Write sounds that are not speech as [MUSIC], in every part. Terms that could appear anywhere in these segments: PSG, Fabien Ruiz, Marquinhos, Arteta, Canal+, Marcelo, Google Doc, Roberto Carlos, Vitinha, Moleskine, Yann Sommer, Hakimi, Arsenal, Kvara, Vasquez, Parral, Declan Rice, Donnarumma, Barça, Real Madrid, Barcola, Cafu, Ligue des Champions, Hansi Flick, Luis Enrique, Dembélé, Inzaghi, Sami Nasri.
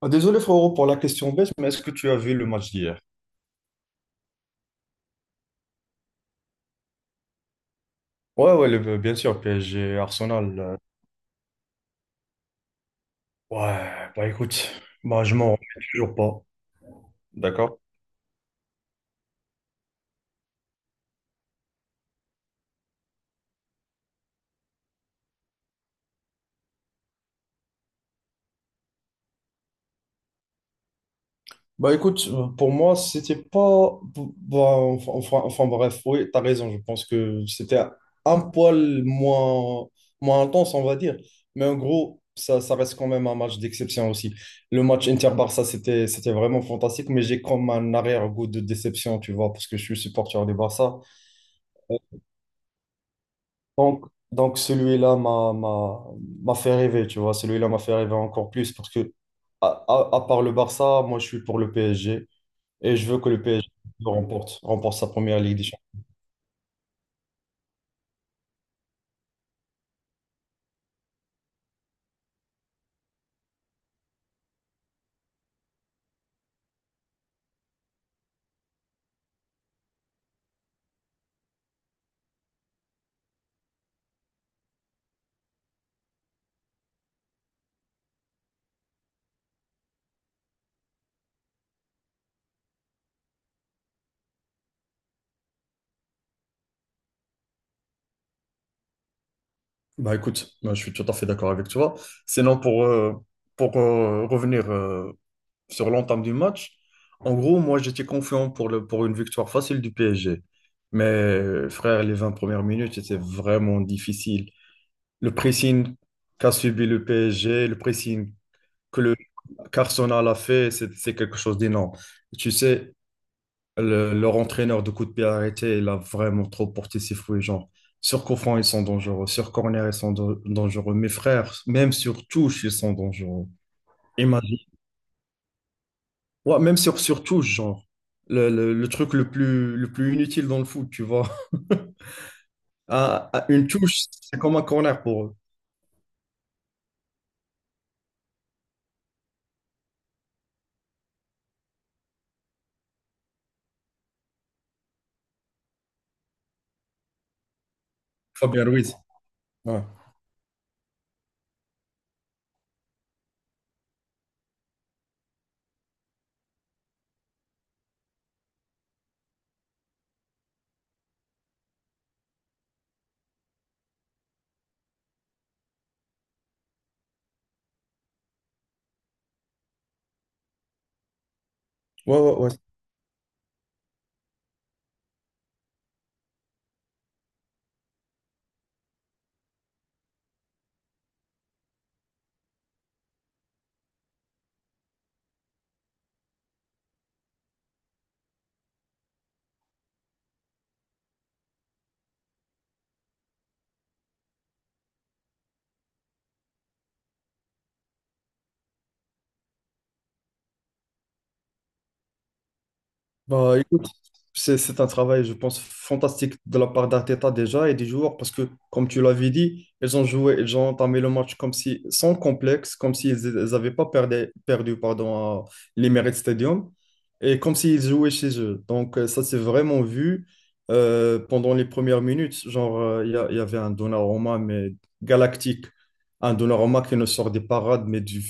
Ah, désolé frérot pour la question bête, mais est-ce que tu as vu le match d'hier? Ouais, ouais, bien sûr, PSG, Arsenal. Ouais, bah écoute, bah je m'en remets toujours pas. D'accord? Bah écoute, pour moi, c'était pas. Bah, bref, oui, t'as raison, je pense que c'était un poil moins, moins intense, on va dire. Mais en gros, ça reste quand même un match d'exception aussi. Le match Inter-Barça, c'était vraiment fantastique, mais j'ai comme un arrière-goût de déception, tu vois, parce que je suis supporter du Barça. Donc, donc celui-là m'a fait rêver, tu vois. Celui-là m'a fait rêver encore plus parce que, à part le Barça, moi, je suis pour le PSG et je veux que le PSG remporte, remporte sa première Ligue des Champions. Bah écoute, moi, je suis tout à fait d'accord avec toi. Sinon, pour revenir sur l'entame du match. En gros, moi j'étais confiant pour une victoire facile du PSG. Mais frère, les 20 premières minutes c'était vraiment difficile. Le pressing qu'a subi le PSG, le pressing que le qu'Arsenal a fait, c'est quelque chose d'énorme. Tu sais, leur entraîneur de coup de pied arrêté, il a vraiment trop porté ses fouets. Genre, sur coup franc, ils sont dangereux. Sur corner, ils sont dangereux. Mes frères, même sur touche, ils sont dangereux. Imagine. Ouais, même sur touche, genre. Le truc le plus inutile dans le foot, tu vois. [LAUGHS] À, à une touche, c'est comme un corner pour eux. Fabien Ruiz. Ouais, ouais. Bah, écoute, c'est un travail, je pense, fantastique de la part d'Arteta déjà et des joueurs parce que, comme tu l'avais dit, ils ont entamé le match comme si, sans complexe, comme s'ils n'avaient pas perdu pardon, à l'Emirates Stadium et comme s'ils jouaient chez eux. Donc, ça s'est vraiment vu pendant les premières minutes. Genre, il y avait un Donnarumma, mais galactique. Un Donnarumma qui ne sort des parades, mais du.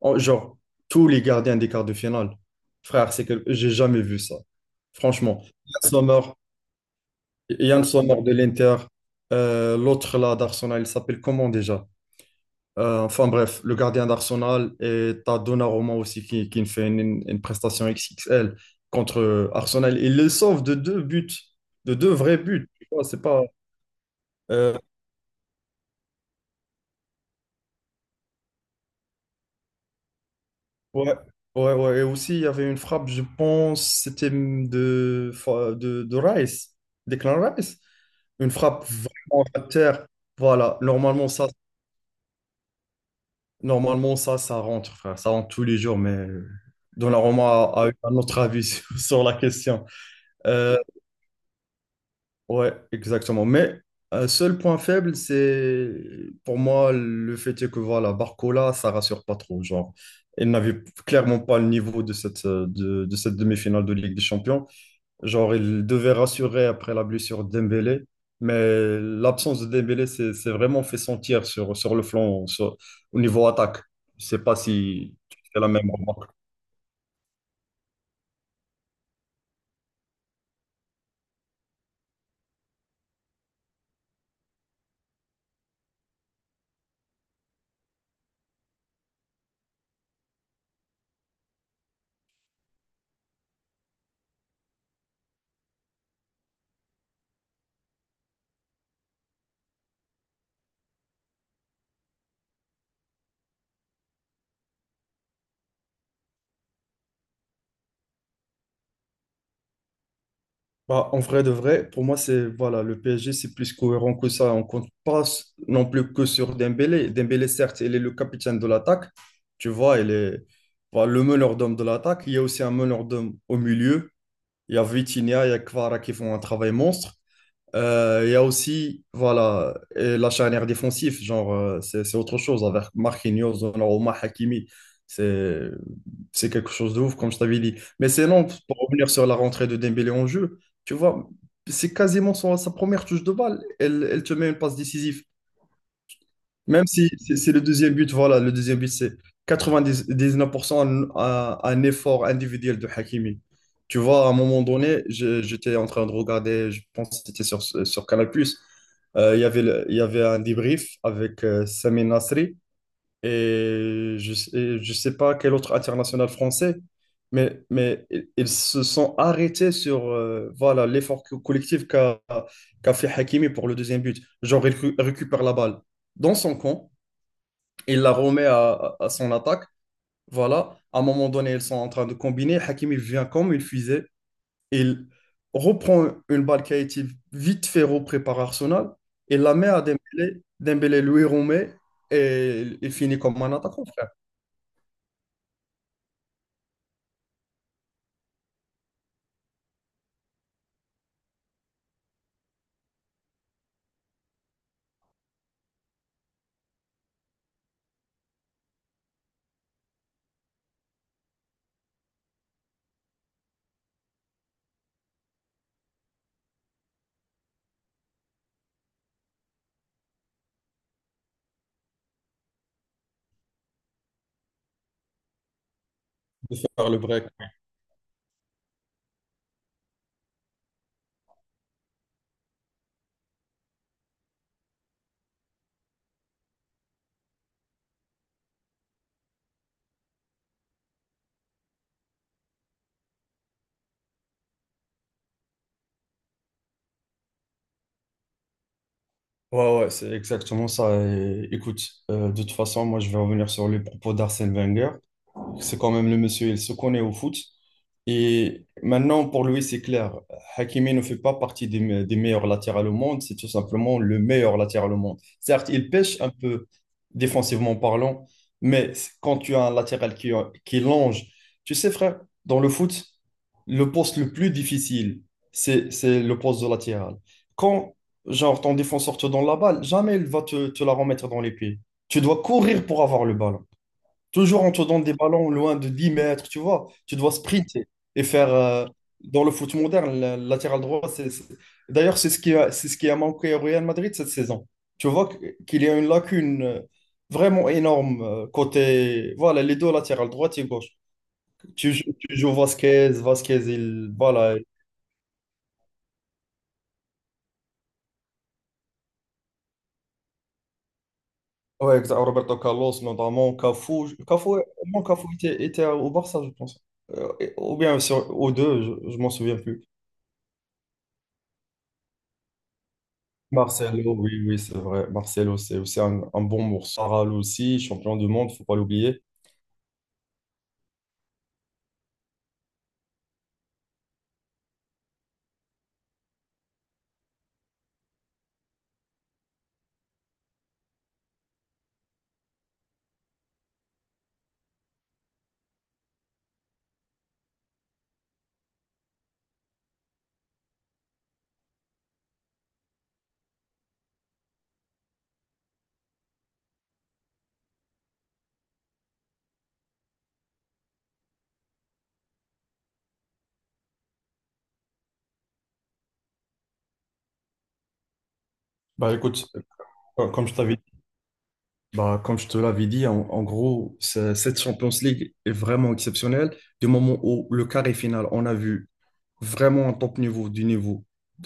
en- Genre, Tous les gardiens des quarts de finale. Frère, c'est que j'ai jamais vu ça. Franchement, il Yann Sommer, Yann Sommer de l'Inter, l'autre là d'Arsenal, il s'appelle comment déjà? Enfin bref, le gardien d'Arsenal et t'as Donnarumma aussi qui fait une prestation XXL contre Arsenal. Il le sauve de deux buts, de deux vrais buts. Tu vois, c'est pas. euh, ouais, ouais. Et aussi, il y avait une frappe, je pense, c'était de Rice, Declan Rice. Une frappe vraiment à terre. Voilà, normalement, ça, Normalement, ça rentre, frère. Ça rentre tous les jours, mais Donnarumma a eu un autre avis [LAUGHS] sur la question. Euh, ouais, exactement. Mais un seul point faible, c'est pour moi le fait est que voilà, Barcola, ça rassure pas trop. Genre, elle n'avait clairement pas le niveau de cette demi-finale de Ligue des Champions. Genre, il devait rassurer après la blessure de Dembélé, mais l'absence de Dembélé s'est vraiment fait sentir sur le flanc, au niveau attaque. Je sais pas si tu fais la même remarque. Bah, en vrai de vrai, pour moi, c'est voilà, le PSG, c'est plus cohérent que ça. On compte pas non plus que sur Dembélé. Dembélé, certes, il est le capitaine de l'attaque. Tu vois, il est voilà, le meneur d'hommes de l'attaque. Il y a aussi un meneur d'hommes au milieu. Il y a Vitinha, il y a Kvara qui font un travail monstre. Il y a aussi, voilà, et la charnière défensive, genre, c'est autre chose avec Marquinhos, Donnarumma, Hakimi. C'est c'est quelque chose de ouf, comme je t'avais dit. Mais c'est non, pour revenir sur la rentrée de Dembélé en jeu, tu vois, c'est quasiment sa première touche de balle. Elle te met une passe décisive. Même si c'est le deuxième but, voilà, le deuxième but, c'est 99% un effort individuel de Hakimi. Tu vois, à un moment donné, j'étais en train de regarder, je pense que c'était sur Canal+, il y avait un débrief avec Sami Nasri et je sais pas quel autre international français, mais ils se sont arrêtés sur voilà, l'effort collectif qu'a fait Hakimi pour le deuxième but. Genre, il récupère la balle dans son camp, il la remet à son attaque. Voilà, à un moment donné, ils sont en train de combiner. Hakimi vient comme une fusée. Il reprend une balle qui a été vite fait reprise par Arsenal et la met à Dembélé. Dembélé lui remet et il finit comme un attaquant, frère. Par le break. Ouais, ouais, c'est exactement ça. Et écoute, de toute façon, moi, je vais revenir sur les propos d'Arsène Wenger. C'est quand même le monsieur, il se connaît au foot. Et maintenant, pour lui, c'est clair. Hakimi ne fait pas partie des meilleurs latéraux au monde. C'est tout simplement le meilleur latéral au monde. Certes, il pêche un peu défensivement parlant, mais quand tu as un latéral qui longe, tu sais, frère, dans le foot, le poste le plus difficile, c'est le poste de latéral. Quand, genre, ton défenseur te donne la balle, jamais il va te la remettre dans les pieds. Tu dois courir pour avoir le ballon. Toujours on te donne des ballons loin de 10 mètres, tu vois. Tu dois sprinter et faire, dans le foot moderne, le latéral droit. D'ailleurs, c'est ce qui a manqué au Real Madrid cette saison. Tu vois qu'il y a une lacune vraiment énorme côté, voilà, les deux latérales, droite et gauche. Tu joues Vasquez, Vasquez, il, voilà. Ouais, exact, Roberto Carlos, notamment Cafu. Cafu, au moins Cafu était au Barça, je pense. Ou bien sur, aux deux, je m'en souviens plus. Marcelo, oui, oui, c'est vrai. Marcelo, c'est aussi un bon morceau. Parral aussi, champion du monde, faut pas l'oublier. Bah écoute, euh, comme je t'avais, comme je te l'avais dit, en gros, cette Champions League est vraiment exceptionnelle. Du moment où le carré final, on a vu vraiment en top niveau, du niveau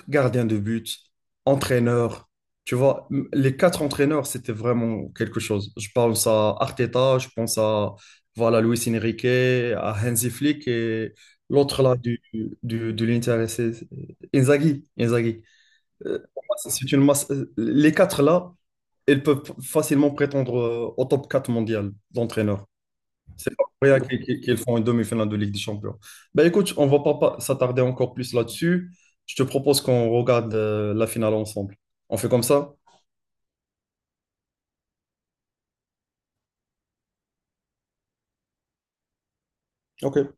gardien de but, entraîneur. Tu vois, les 4 entraîneurs, c'était vraiment quelque chose. Je pense à Arteta, je pense à voilà, Luis Enrique, à Hansi Flick et l'autre là de l'Inter, c'est Inzaghi. Inzaghi. Pour moi, c'est une masse. Euh, les quatre là, ils peuvent facilement prétendre au top 4 mondial d'entraîneurs. C'est pas pour rien qu'ils font une demi-finale de Ligue des Champions. Ben écoute, on va pas s'attarder encore plus là-dessus. Je te propose qu'on regarde la finale ensemble. On fait comme ça? Ok.